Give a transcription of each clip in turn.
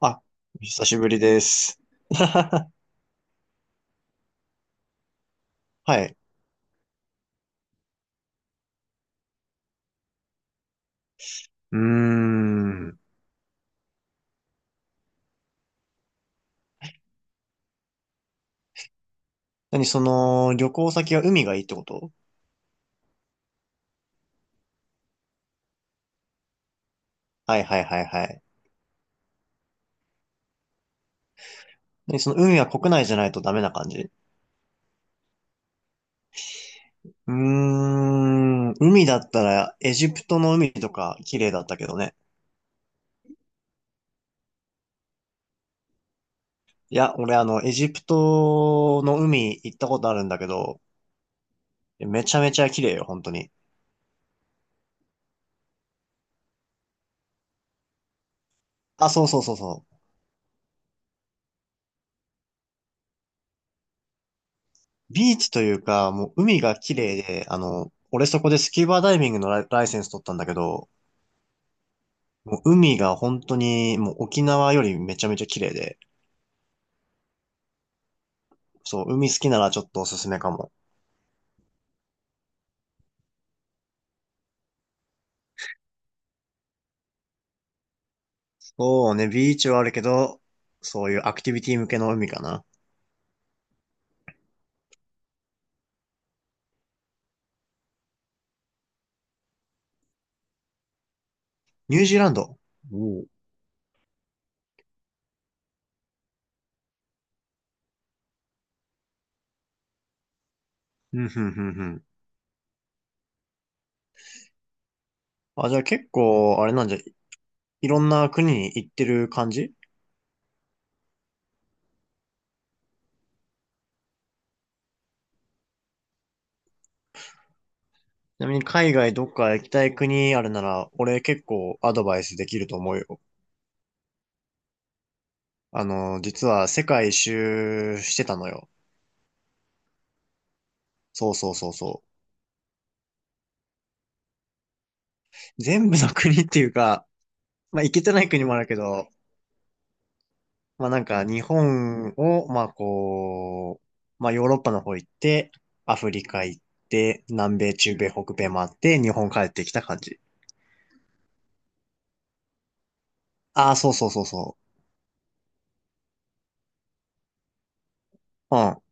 あ、お久しぶりです。はい。うーん。何、その、旅行先は海がいいってこと？はいはいはいはい。何、その海は国内じゃないとダメな感じ？うーん。海だったら、エジプトの海とか綺麗だったけどね。いや、俺あの、エジプトの海行ったことあるんだけど、めちゃめちゃ綺麗よ、本当に。あ、そうそうそうそう。ビーチというか、もう海が綺麗で、あの、俺そこでスキューバダイビングのライセンス取ったんだけど、もう海が本当に、もう沖縄よりめちゃめちゃ綺麗で、そう、海好きならちょっとおすすめかも。そうね、ビーチはあるけど、そういうアクティビティ向けの海かな。ニュージーランド。おううん、うんうんうん。あ、じゃあ結構、あれなんじゃ、いろんな国に行ってる感じ？ちなみに海外どっか行きたい国あるなら、俺結構アドバイスできると思うよ。あの、実は世界一周してたのよ。そうそうそうそう。全部の国っていうか、まあ行けてない国もあるけど、まあなんか日本を、まあこう、まあヨーロッパの方行って、アフリカ行って、南米、中米、北米回って、日本帰ってきた感じ。ああ、そうそうそうそう。うん。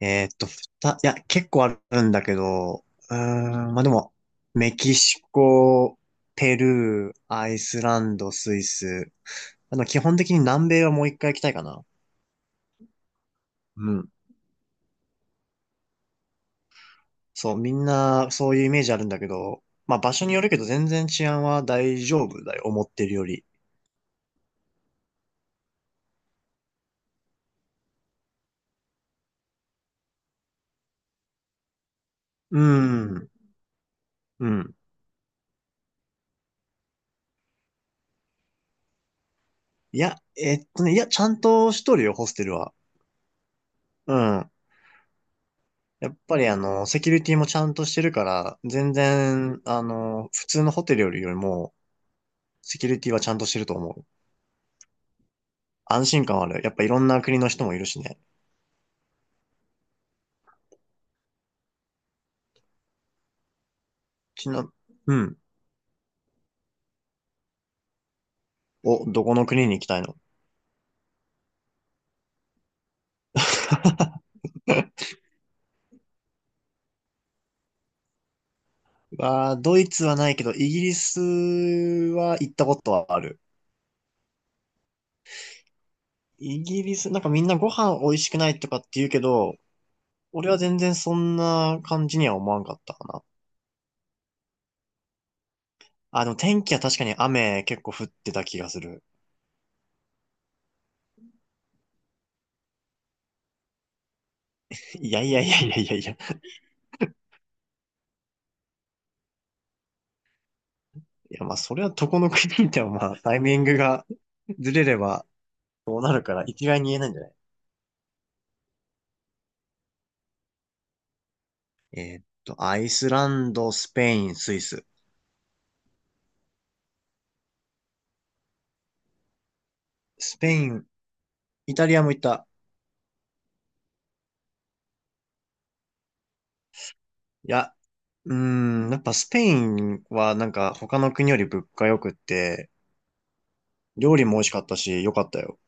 いや、結構あるんだけど、うーん、まあでも、メキシコ、ペルー、アイスランド、スイス。あの、基本的に南米はもう一回行きたいかな。うん。そう、みんなそういうイメージあるんだけど、まあ場所によるけど全然治安は大丈夫だよ、思ってるより。うん、うん。いや、いや、ちゃんとしとるよ、ホステルは。うん。やっぱりあの、セキュリティもちゃんとしてるから、全然、あの、普通のホテルよりも、セキュリティはちゃんとしてると思う。安心感はある。やっぱいろんな国の人もいるしね。ちな、うん。お、どこの国に行きたいの？ わあドイツはないけど、イギリスは行ったことはある。イギリス、なんかみんなご飯美味しくないとかって言うけど、俺は全然そんな感じには思わんかったかな。あ、でも天気は確かに雨結構降ってた気がする。いやいやいやいやいやいや。いやまあそれはどこの国でもまあタイミングがずれればどうなるから一概に言えないんじゃない？アイスランド、スペイン、スイス。スペイン、イタリアも行った。いや、うーん、やっぱスペインはなんか他の国より物価良くって、料理も美味しかったし良かったよ。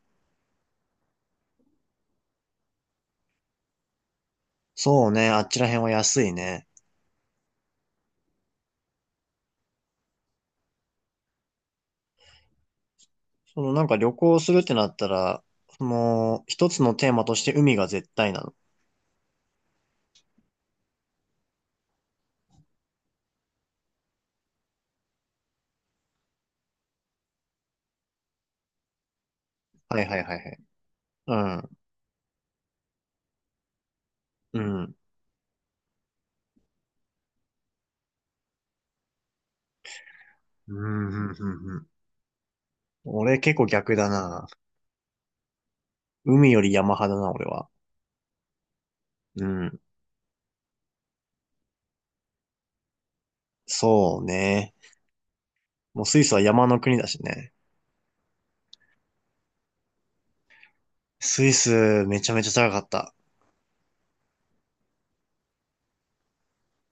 そうね、あっちら辺は安いね。そのなんか旅行するってなったら、その一つのテーマとして海が絶対なの？はいはいはいはい。うん、うん。うん、うん、うん。うん俺結構逆だな。海より山派だな、俺は。うん。そうね。もうスイスは山の国だしね。スイスめちゃめちゃ高かった。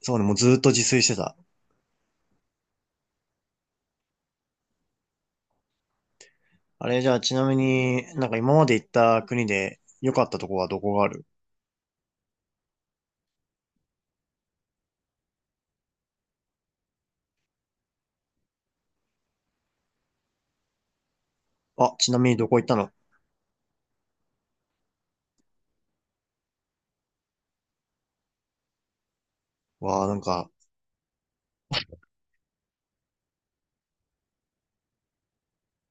そうね、もうずーっと自炊してた。あれじゃあちなみになんか今まで行った国で良かったとこはどこがある？あ、ちなみにどこ行ったの？わあ、なんか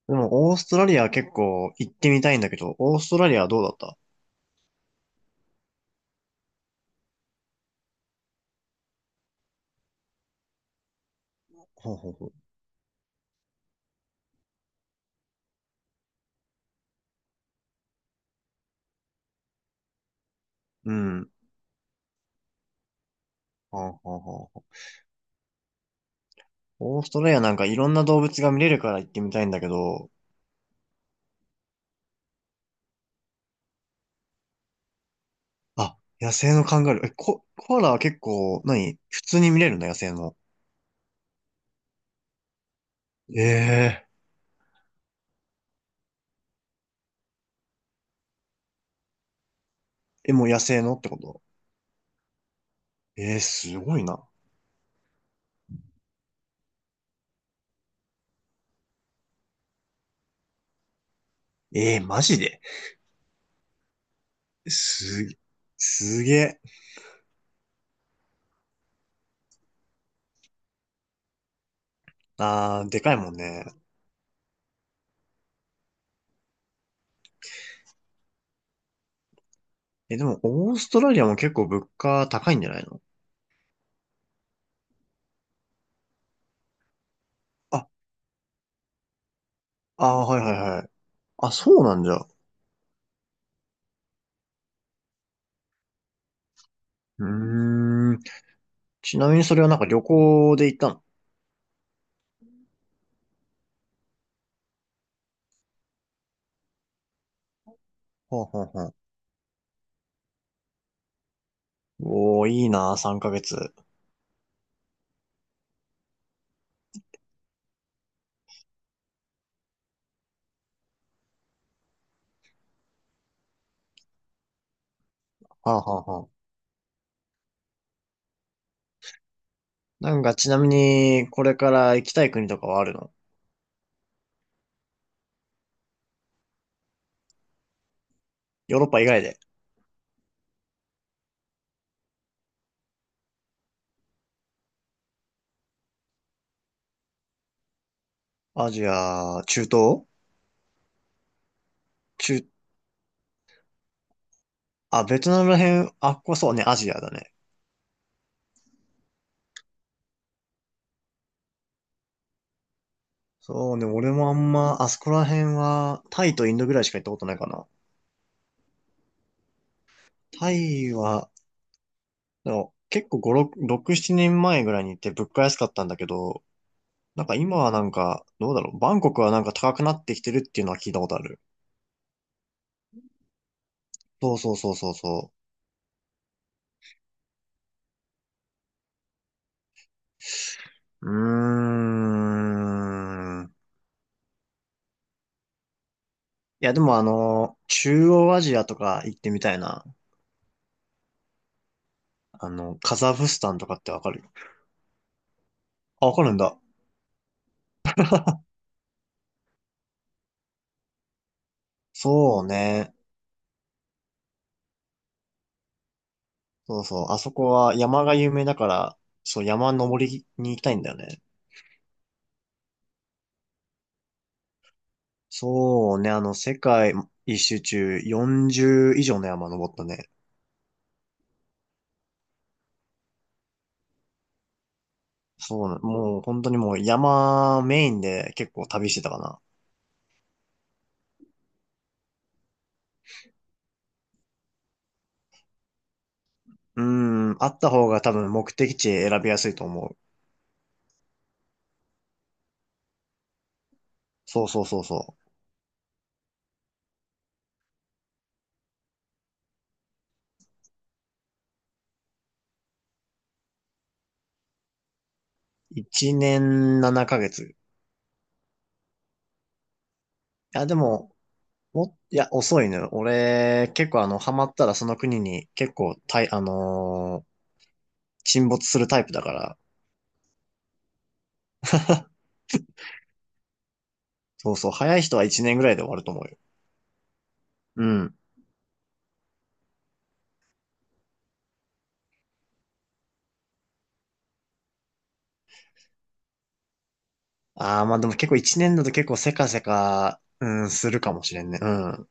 でも、オーストラリア結構行ってみたいんだけど、オーストラリアはどうだった？ほうほうほう。うん。はあはあはあ。オーストラリアなんかいろんな動物が見れるから行ってみたいんだけど、あ、野生のカンガルー。え、コアラは結構、何普通に見れるの野生の？ええー。え、もう野生のってこと？ええーすごいな。ええーマジで？すげ、すげえ。あー、でかいもんね。え、でも、オーストラリアも結構物価高いんじゃないの？あ、あー、はいはいはい。あ、そうなんじゃ。うーん。ちなみにそれはなんか旅行で行ったの？ほうほうほう。おー、いいな、3ヶ月。はあはあはあ。なんかちなみに、これから行きたい国とかはあるの？ヨーロッパ以外で。アジア、中東中、あ、ベトナムら辺、あっこそうね、アジアだね。そうね、俺もあんま、あそこら辺は、タイとインドぐらいしか行ったことないかな。タイは、でも結構5、6、7年前ぐらいに行って物価安かったんだけど、なんか今はなんか、どうだろう。バンコクはなんか高くなってきてるっていうのは聞いたことある。そうそうそうそうそう。うーん。いや、でもあの、中央アジアとか行ってみたいな。あの、カザフスタンとかってわかる？あ、わかるんだ。そうね。そうそう。あそこは山が有名だから、そう、山登りに行きたいんだよね。そうね。あの、世界一周中40以上の山登ったね。そうな、もう本当にもう山メインで結構旅してたかな。うーん、あった方が多分目的地選びやすいと思う。そうそうそうそう。1年7ヶ月。いや、でも、いや、遅いね。俺、結構あの、ハマったらその国に結構、沈没するタイプだから。そうそう、早い人は1年ぐらいで終わると思うよ。うん。ああ、まあでも結構1年だと結構せかせか、うん、するかもしれんね。うん。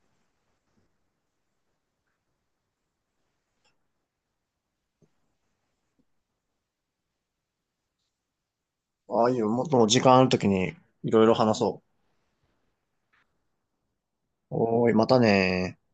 ああいう、もっと時間あるときにいろいろ話そう。おーい、またねー。